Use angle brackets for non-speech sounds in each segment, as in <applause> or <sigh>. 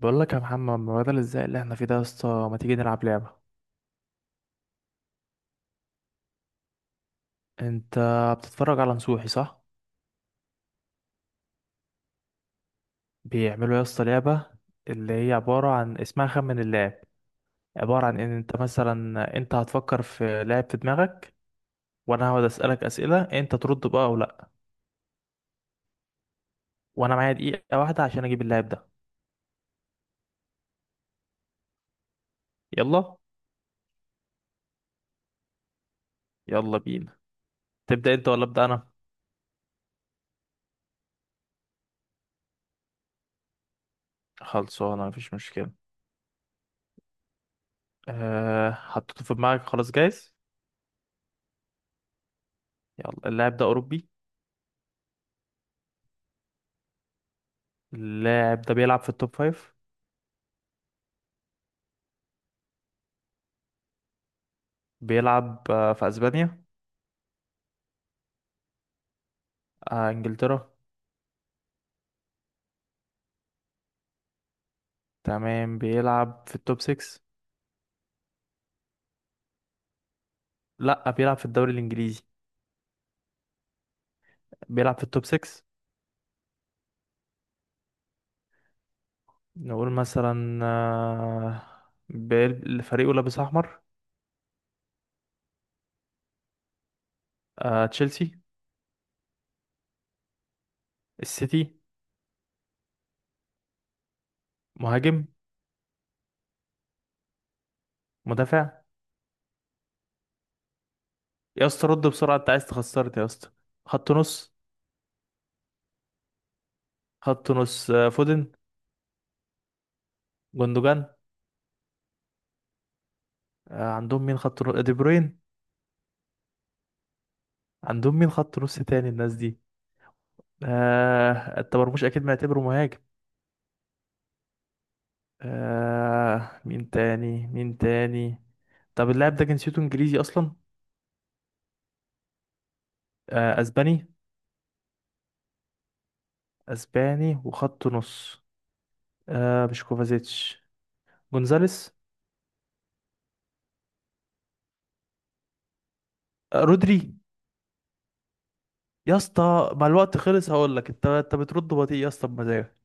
بقول لك يا محمد، ما بدل ازاي اللي احنا فيه ده يا اسطى، ما تيجي نلعب لعبة؟ انت بتتفرج على نصوحي، صح؟ بيعملوا يا اسطى لعبة اللي هي عبارة عن، اسمها خمن اللاعب. عبارة عن ان انت مثلا انت هتفكر في لاعب في دماغك، وانا هقعد اسألك اسئلة، انت ترد بقى او لا. وانا معايا 1 دقيقة عشان اجيب اللاعب ده. يلا. يلا بينا. تبدأ انت ولا ابدأ انا؟ خلصانة، مفيش مشكلة. أه، حطيته في دماغك؟ خلاص، جايز. يلا، اللاعب ده اوروبي؟ اللاعب ده بيلعب في التوب فايف؟ بيلعب في اسبانيا؟ انجلترا؟ تمام، بيلعب في التوب 6؟ لا، بيلعب في الدوري الانجليزي. بيلعب في التوب 6. نقول مثلا، فريقه لابس احمر؟ تشيلسي؟ السيتي؟ مهاجم؟ مدافع؟ يا اسطى رد بسرعه، انت عايز تخسرني يا اسطى. خط نص؟ خط نص فودن؟ جوندوجان؟ عندهم مين خط نص، دي بروين؟ عندهم مين خط نص تاني الناس دي؟ آه، التمرمش اكيد معتبره مهاجم. آه، مين تاني مين تاني؟ طب اللاعب ده جنسيته انجليزي اصلا؟ آه، اسباني؟ اسباني وخط نص. مش كوفازيتش؟ جونزاليس؟ آه، رودري؟ يا اسطى مع الوقت خلص، هقول لك انت بترد بطيء يا اسطى بمزاجك.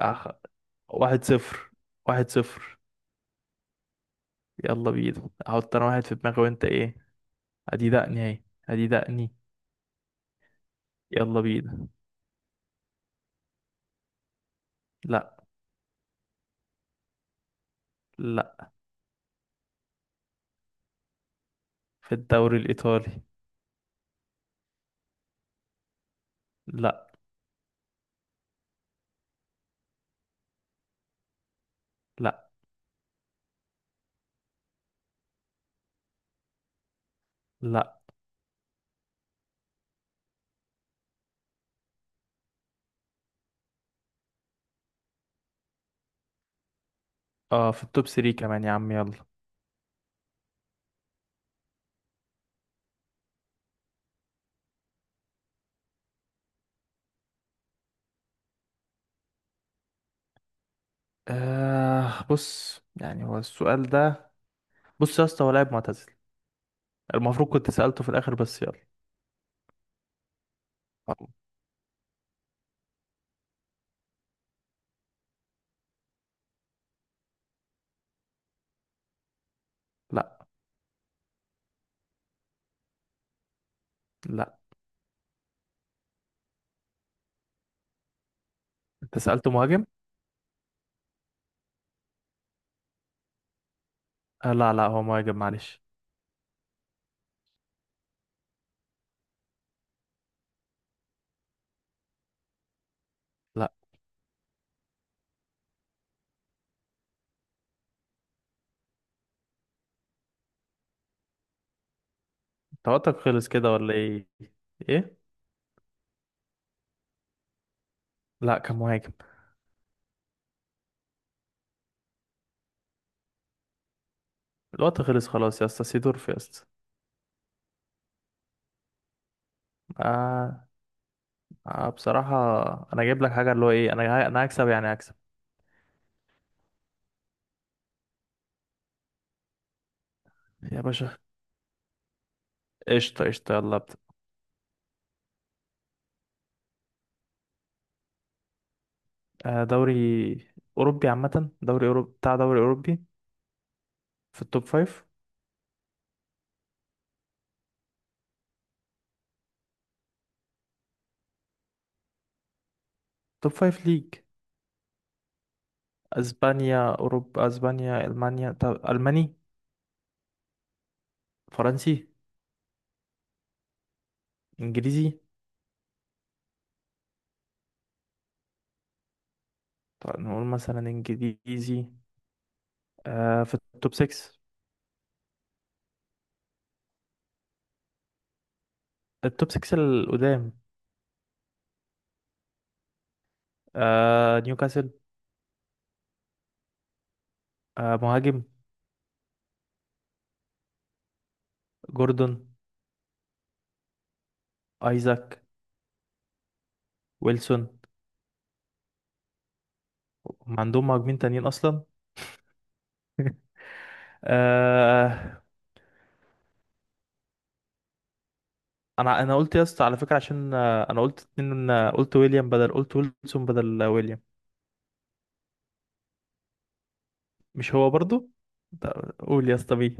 آه. 1-0. 1-0. يلا بينا، احط انا واحد في دماغي وانت ايه. ادي دقني اهي. ادي دقني. يلا بينا. لا. لا. في الدوري الايطالي. لا. لا. لا. اه، في التوب 3 كمان يا عم، يلا. بص يعني، هو السؤال ده، بص يا اسطى، هو لاعب معتزل. المفروض كنت سألته في الآخر بس يلا. لا. لا. انت سألته مهاجم. لا، لا، هو مهاجم، معلش. لا. انت وقتك خلص كده ولا ايه؟ ايه؟ لا، كان مهاجم. الوقت خلص، خلاص يا اسطى، سيدورف يا اسطى. آه, بصراحة، انا جايب لك حاجة اللي هو ايه، انا، انا هكسب، يعني هكسب. يا باشا، قشطة قشطة، يلا ابدأ. آه، دوري أوروبي عامة، دوري أوروبي، بتاع دوري أوروبي. في التوب فايف. توب فايف ليج. اسبانيا، اوروبا، اسبانيا، المانيا، طب الماني؟ فرنسي؟ انجليزي؟ طب نقول مثلا انجليزي. آه، في التوب 6؟ التوب 6 القدام. آه، نيوكاسل. آه، مهاجم. جوردون؟ ايزاك؟ ويلسون؟ هم عندهم مهاجمين تانيين اصلا؟ <laughs> آه. انا قلت يا اسطى على فكره، عشان انا قلت اتنين، قلت ويليام بدل، قلت ويلسون بدل ويليام. مش هو برضو. قول يا اسطى مين.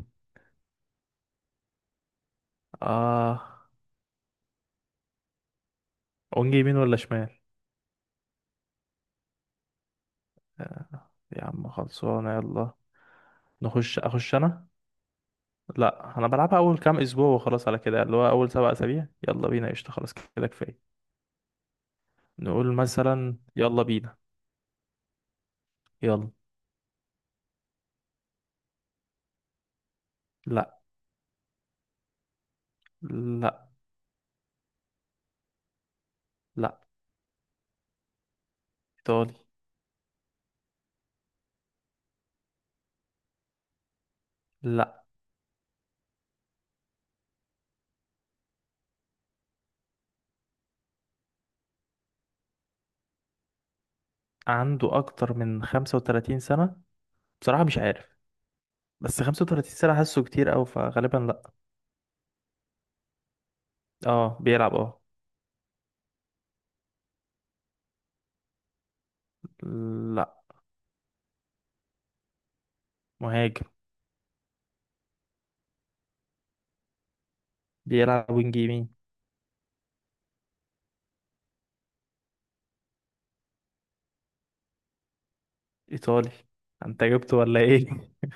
اه. ونجي يمين ولا شمال؟ آه، يا عم خلصانة، يلا. اخش انا. لا، انا بلعبها اول كام اسبوع وخلاص، على كده اللي هو اول 7 اسابيع. يلا بينا، قشطة، خلاص كده كفاية. نقول مثلا، يلا بينا. يلا. لا. لا. لا. ايطالي. لا. عنده اكتر من 35 سنة. بصراحة مش عارف، بس 35 سنة حاسه كتير اوي، فغالبا لا. اه، بيلعب اه. لا. مهاجم. بيلعب وينج يمين. ايطالي. انت جبته ولا ايه؟ <laughs>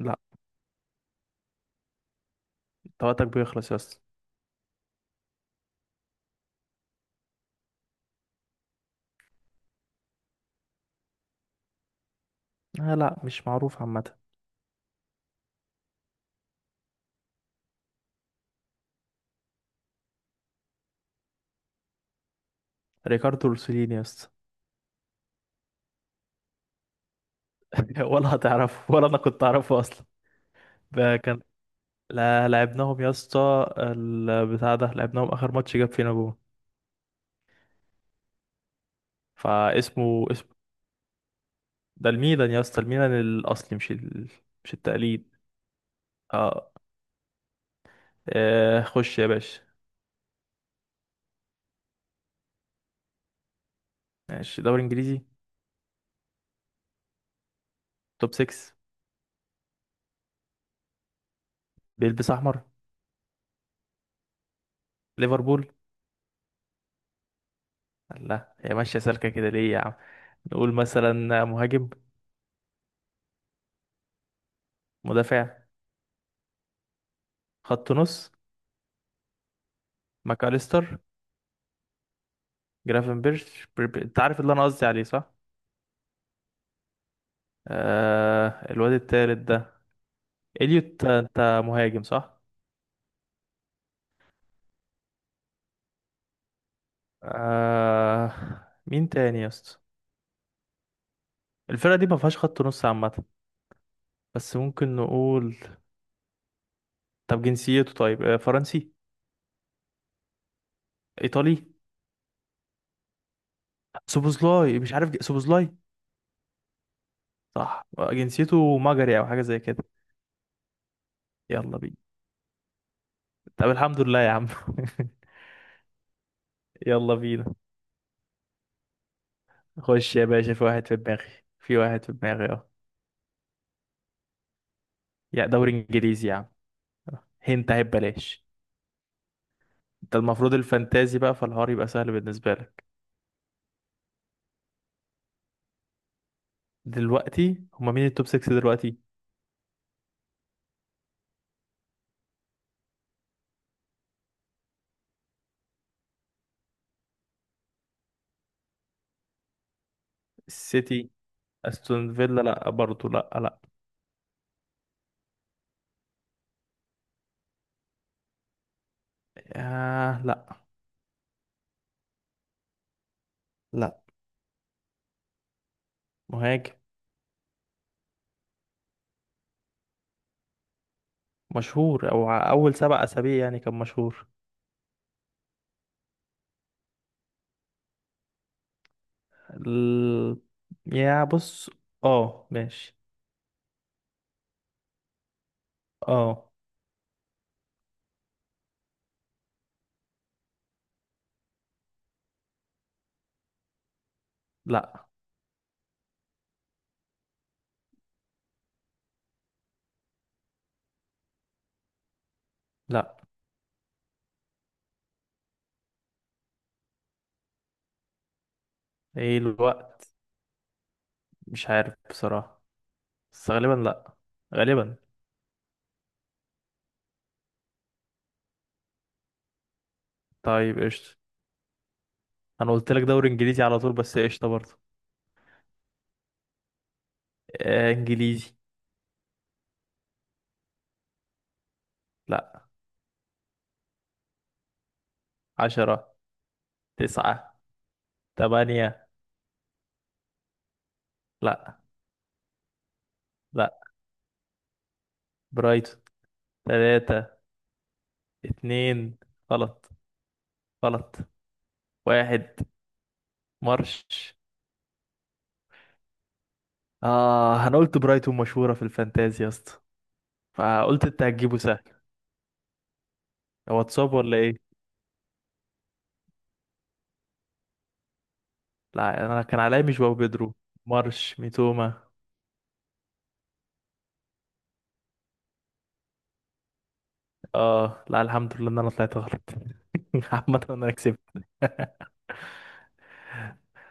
لا. طاقتك بيخلص يا اسطى. آه، لا، مش معروف عامة. ريكاردو روسيليني يا اسطى. <laughs> ولا هتعرفه، ولا انا كنت اعرفه اصلا. ده كان لا، لعبناهم يا اسطى، البتاع ده لعبناهم اخر ماتش، جاب فينا جون. فاسمه، اسمه ده الميلان يا اسطى، الميلان الاصلي، مش التقليد. اه. آه، خش يا باشا. ماشي، دوري انجليزي. توب 6. بيلبس احمر. ليفربول. لا، هي ماشيه سالكه كده ليه يا عم؟ نقول مثلا مهاجم؟ مدافع؟ خط نص؟ ماكاليستر؟ انت عارف اللي انا قصدي عليه صح؟ الواد التالت ده. اليوت، انت مهاجم صح؟ آه... مين تاني يا اسطى؟ الفرقه دي ما فيهاش خط نص عامه. بس ممكن نقول، طب جنسيته، طيب فرنسي؟ ايطالي؟ سوبوزلاي مش عارف، سوبوزلاي. صح. آه، جنسيته مجري او حاجه زي كده. يلا بينا. طب الحمد لله يا عم. <laughs> يلا بينا. خش يا باشا، في واحد في دماغي. في واحد في دماغي، اه. يا دوري انجليزي يا عم. هنت اهي ببلاش. ده المفروض الفانتازي بقى، فالحوار يبقى سهل بالنسبة لك. دلوقتي هما مين التوب 6 دلوقتي؟ السيتي، استون فيلا، لا برضه، لا، لا. آه، لا. لا. مهاجم. مشهور، او اول 7 اسابيع يعني كان مشهور. ال... يا بص، اه ماشي. اه. لا. لا. ايه الوقت؟ مش عارف بصراحة، بس غالبا لا. غالبا. طيب قشطة. انا قلت لك دوري انجليزي على طول، بس قشطة برضه. آه، انجليزي. لا. 10. تسعة. تمانية. لا. لا. برايتون. تلاتة. اتنين. غلط. غلط. واحد. مارش. اه، انا قلت برايتون مشهورة في الفانتازي يا اسطى، فقلت انت هتجيبه سهل. هو اتصاب ولا ايه؟ لا، انا كان عليا مش باو بيدرو. مارش، ميتوما. اه، لا، الحمد لله ان انا طلعت غلط. <laughs> عامة انا كسبت. <laughs>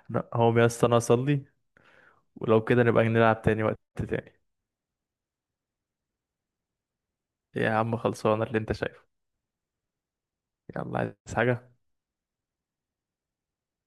لا، هو يا اسطى انا اصلي. ولو كده نبقى نلعب تاني وقت تاني. يا عم خلصانة اللي انت شايفه. يلا، عايز حاجة؟